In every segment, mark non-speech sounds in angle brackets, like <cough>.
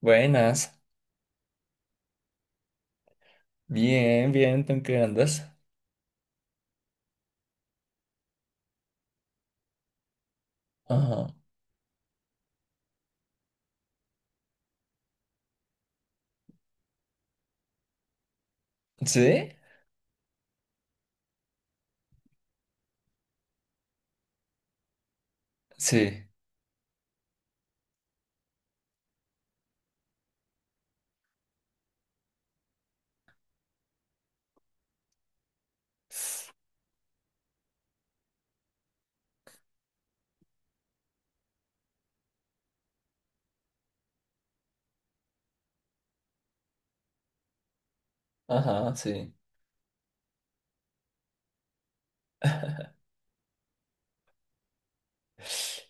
Buenas. Bien, bien, ¿tú en qué andas? Ajá. ¿Sí? Sí. Ajá, sí.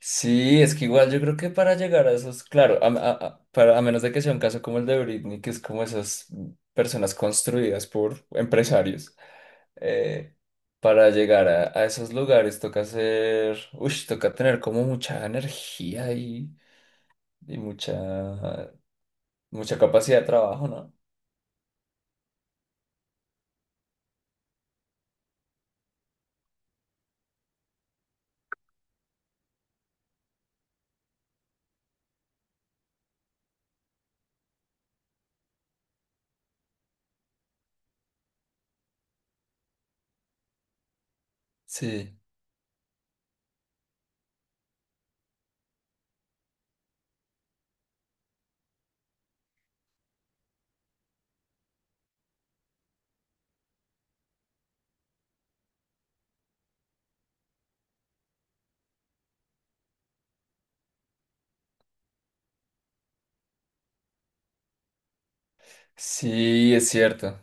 Sí, es que igual yo creo que para llegar a esos, claro, para, a menos de que sea un caso como el de Britney, que es como esas personas construidas por empresarios, eh, para llegar a esos lugares toca hacer, uy, toca tener como mucha energía y, y mucha, mucha capacidad de trabajo, ¿no? Sí, sí, es cierto.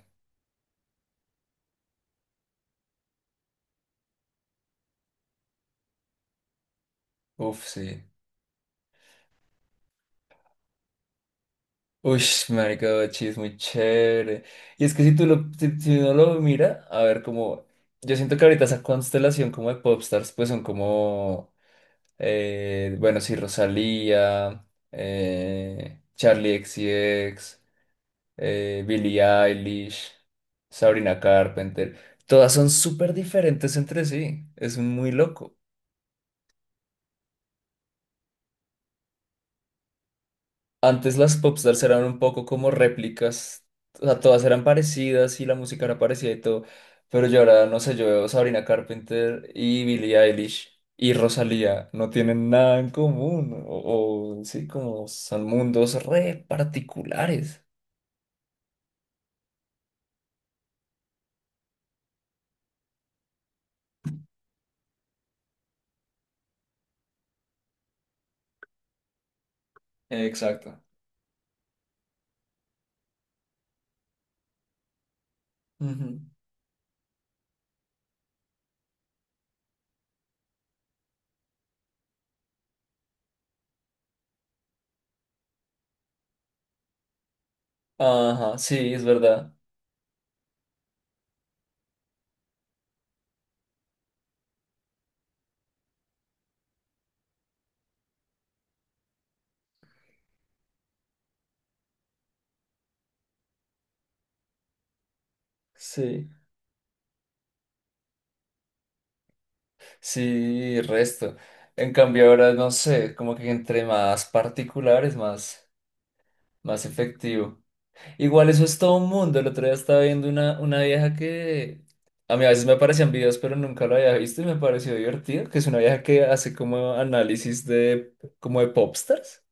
Uf, sí. Uy, marica, Bachi es muy chévere. Y es que si uno lo mira, a ver, como, yo siento que ahorita esa constelación como de popstars, pues son como, bueno, sí, Rosalía, Charlie XCX, Billie Eilish, Sabrina Carpenter, todas son súper diferentes entre sí, es muy loco. Antes las popstars eran un poco como réplicas, o sea, todas eran parecidas y la música era parecida y todo, pero yo ahora, no sé, yo veo Sabrina Carpenter y Billie Eilish y Rosalía, no tienen nada en común, o sí, como son mundos re particulares. Exacto. Ujú. Ajá, sí, es verdad. Sí, sí, resto. En cambio ahora, no sé, como que entre más particulares, más efectivo. Igual eso es todo un mundo. El otro día estaba viendo una vieja que a mí a veces me aparecían videos, pero nunca lo había visto y me pareció divertido, que es una vieja que hace como análisis de como de popstars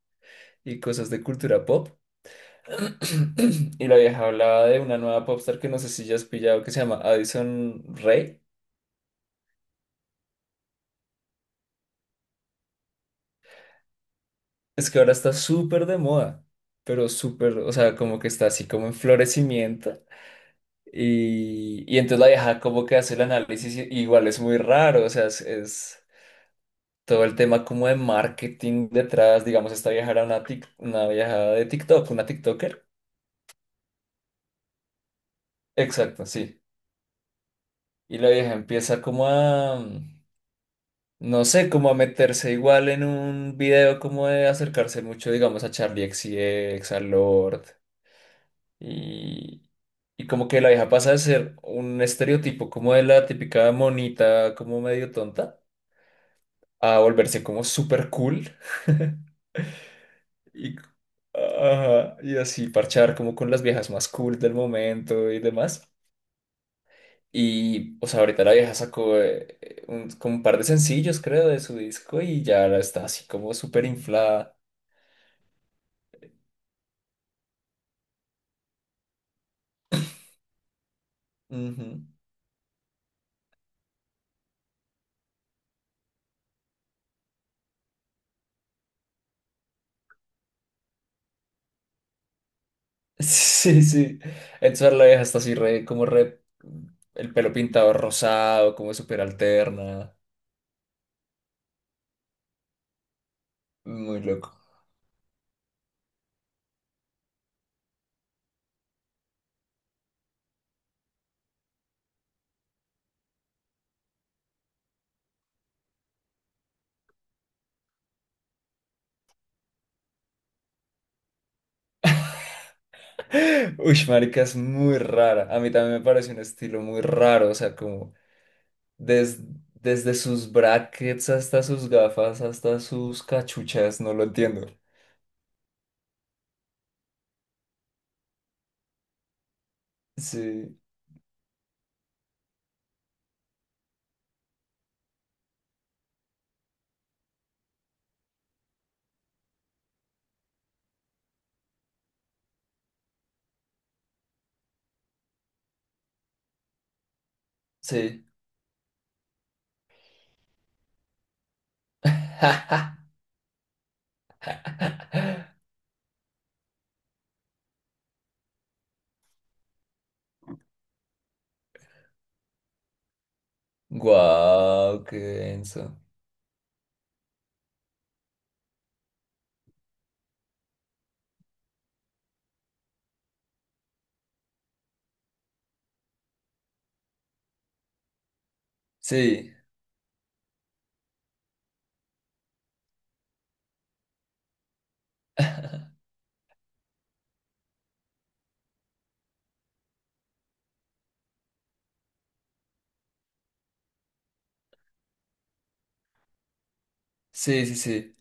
y cosas de cultura pop. <clears throat> Y la vieja hablaba de una nueva popstar que no sé si ya has pillado que se llama Addison Rae. Es que ahora está súper de moda, pero súper, o sea, como que está así como en florecimiento. Y entonces la vieja como que hace el análisis, y- igual es muy raro, o sea, todo el tema como de marketing detrás, digamos, esta vieja era una, una vieja de TikTok, una TikToker. Exacto, sí. Y la vieja empieza como a, no sé, como a meterse igual en un video como de acercarse mucho, digamos, a Charlie XCX, a Lord. Y, y como que la vieja pasa de ser un estereotipo como de la típica monita, como medio tonta, a volverse como súper cool. <laughs> Y, ajá, y así parchar como con las viejas más cool del momento y demás. Y, o sea, ahorita la vieja sacó un, como un par de sencillos, creo, de su disco y ya ahora está así como súper inflada. Ujú. <laughs> Sí, sí. Entonces la vieja está así re, como re, el pelo pintado rosado, como súper alterna. Muy loco. <laughs> Uy, marica, es muy rara. A mí también me parece un estilo muy raro, o sea, como... Des- desde sus brackets hasta sus gafas, hasta sus cachuchas, no lo entiendo. Sí, sí. ¡Ja! Guau, qué denso. Sí, sí, sí, sí.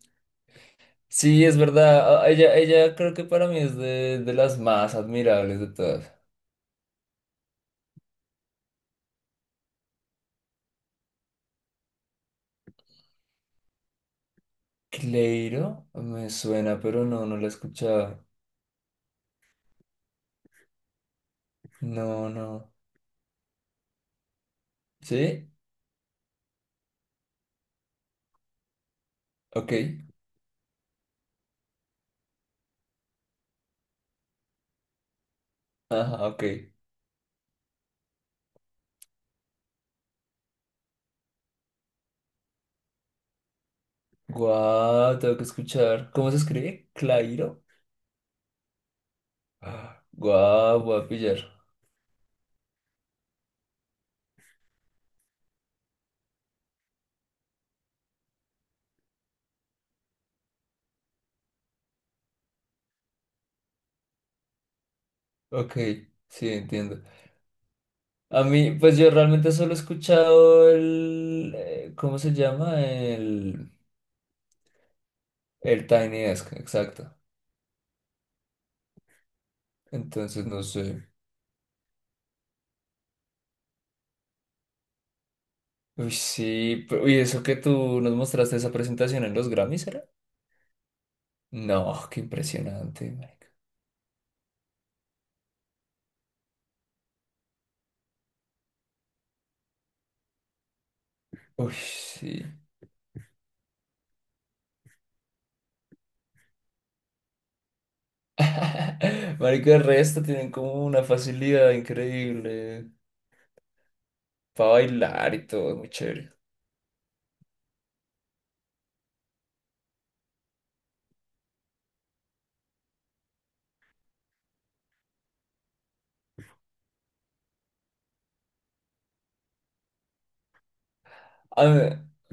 Sí, es verdad. Ella, ella creo que para mí es de las más admirables de todas. Cleiro, me suena, pero no, no la he escuchado. No, no. ¿Sí? Ok. Ajá, ok. Guau, tengo que escuchar. ¿Cómo se escribe? Clairo. Guau, voy a pillar. Ok, sí, entiendo. A mí, pues yo realmente solo he escuchado el, ¿cómo se llama? El Tiny Desk, exacto. Entonces, no sé. Uy, sí, pero- uy, eso que tú nos mostraste esa presentación en los Grammys, ¿era? No, qué impresionante, marica. Uy, sí. <laughs> Marica, el resto tienen como una facilidad increíble para bailar y todo, muy chévere. A mí,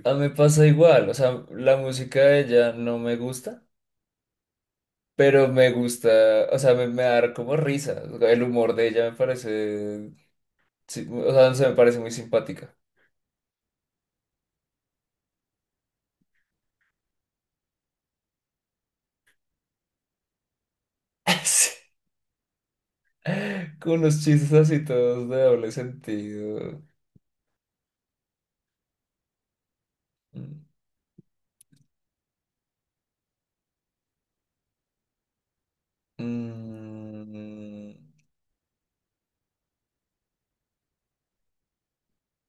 a mí me pasa igual, o sea, la música de ella no me gusta, pero me gusta, o sea, me da como risa, o sea, el humor de ella me parece, sí, o sea, no sé, me parece muy simpática. <laughs> Sí, con unos chistes así todos de doble sentido. Mm,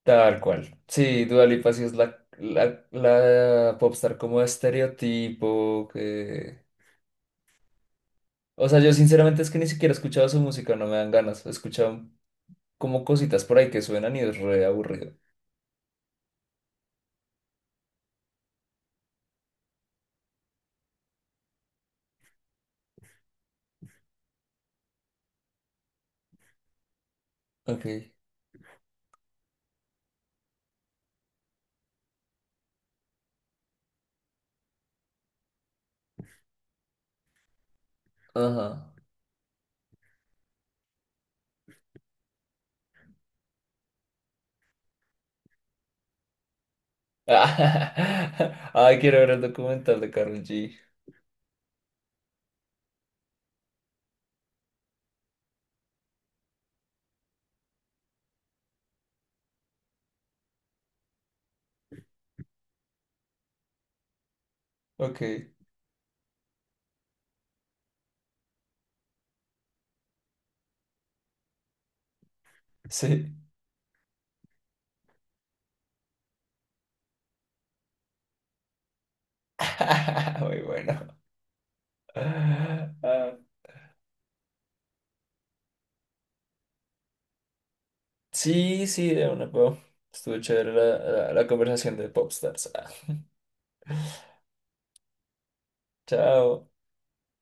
tal cual. Sí, Dua Lipa sí es la popstar como estereotipo que... O sea, yo sinceramente es que ni siquiera he escuchado su música, no me dan ganas. He escuchado como cositas por ahí que suenan y es re aburrido. Ok, ajá. <laughs> Ay, quiero ver el documental de Karol G. Ok, sí. <laughs> Muy bueno. Ah, sí, sí, de una, po. Estuvo chévere la, conversación de Popstars. Ah, <laughs> Chao.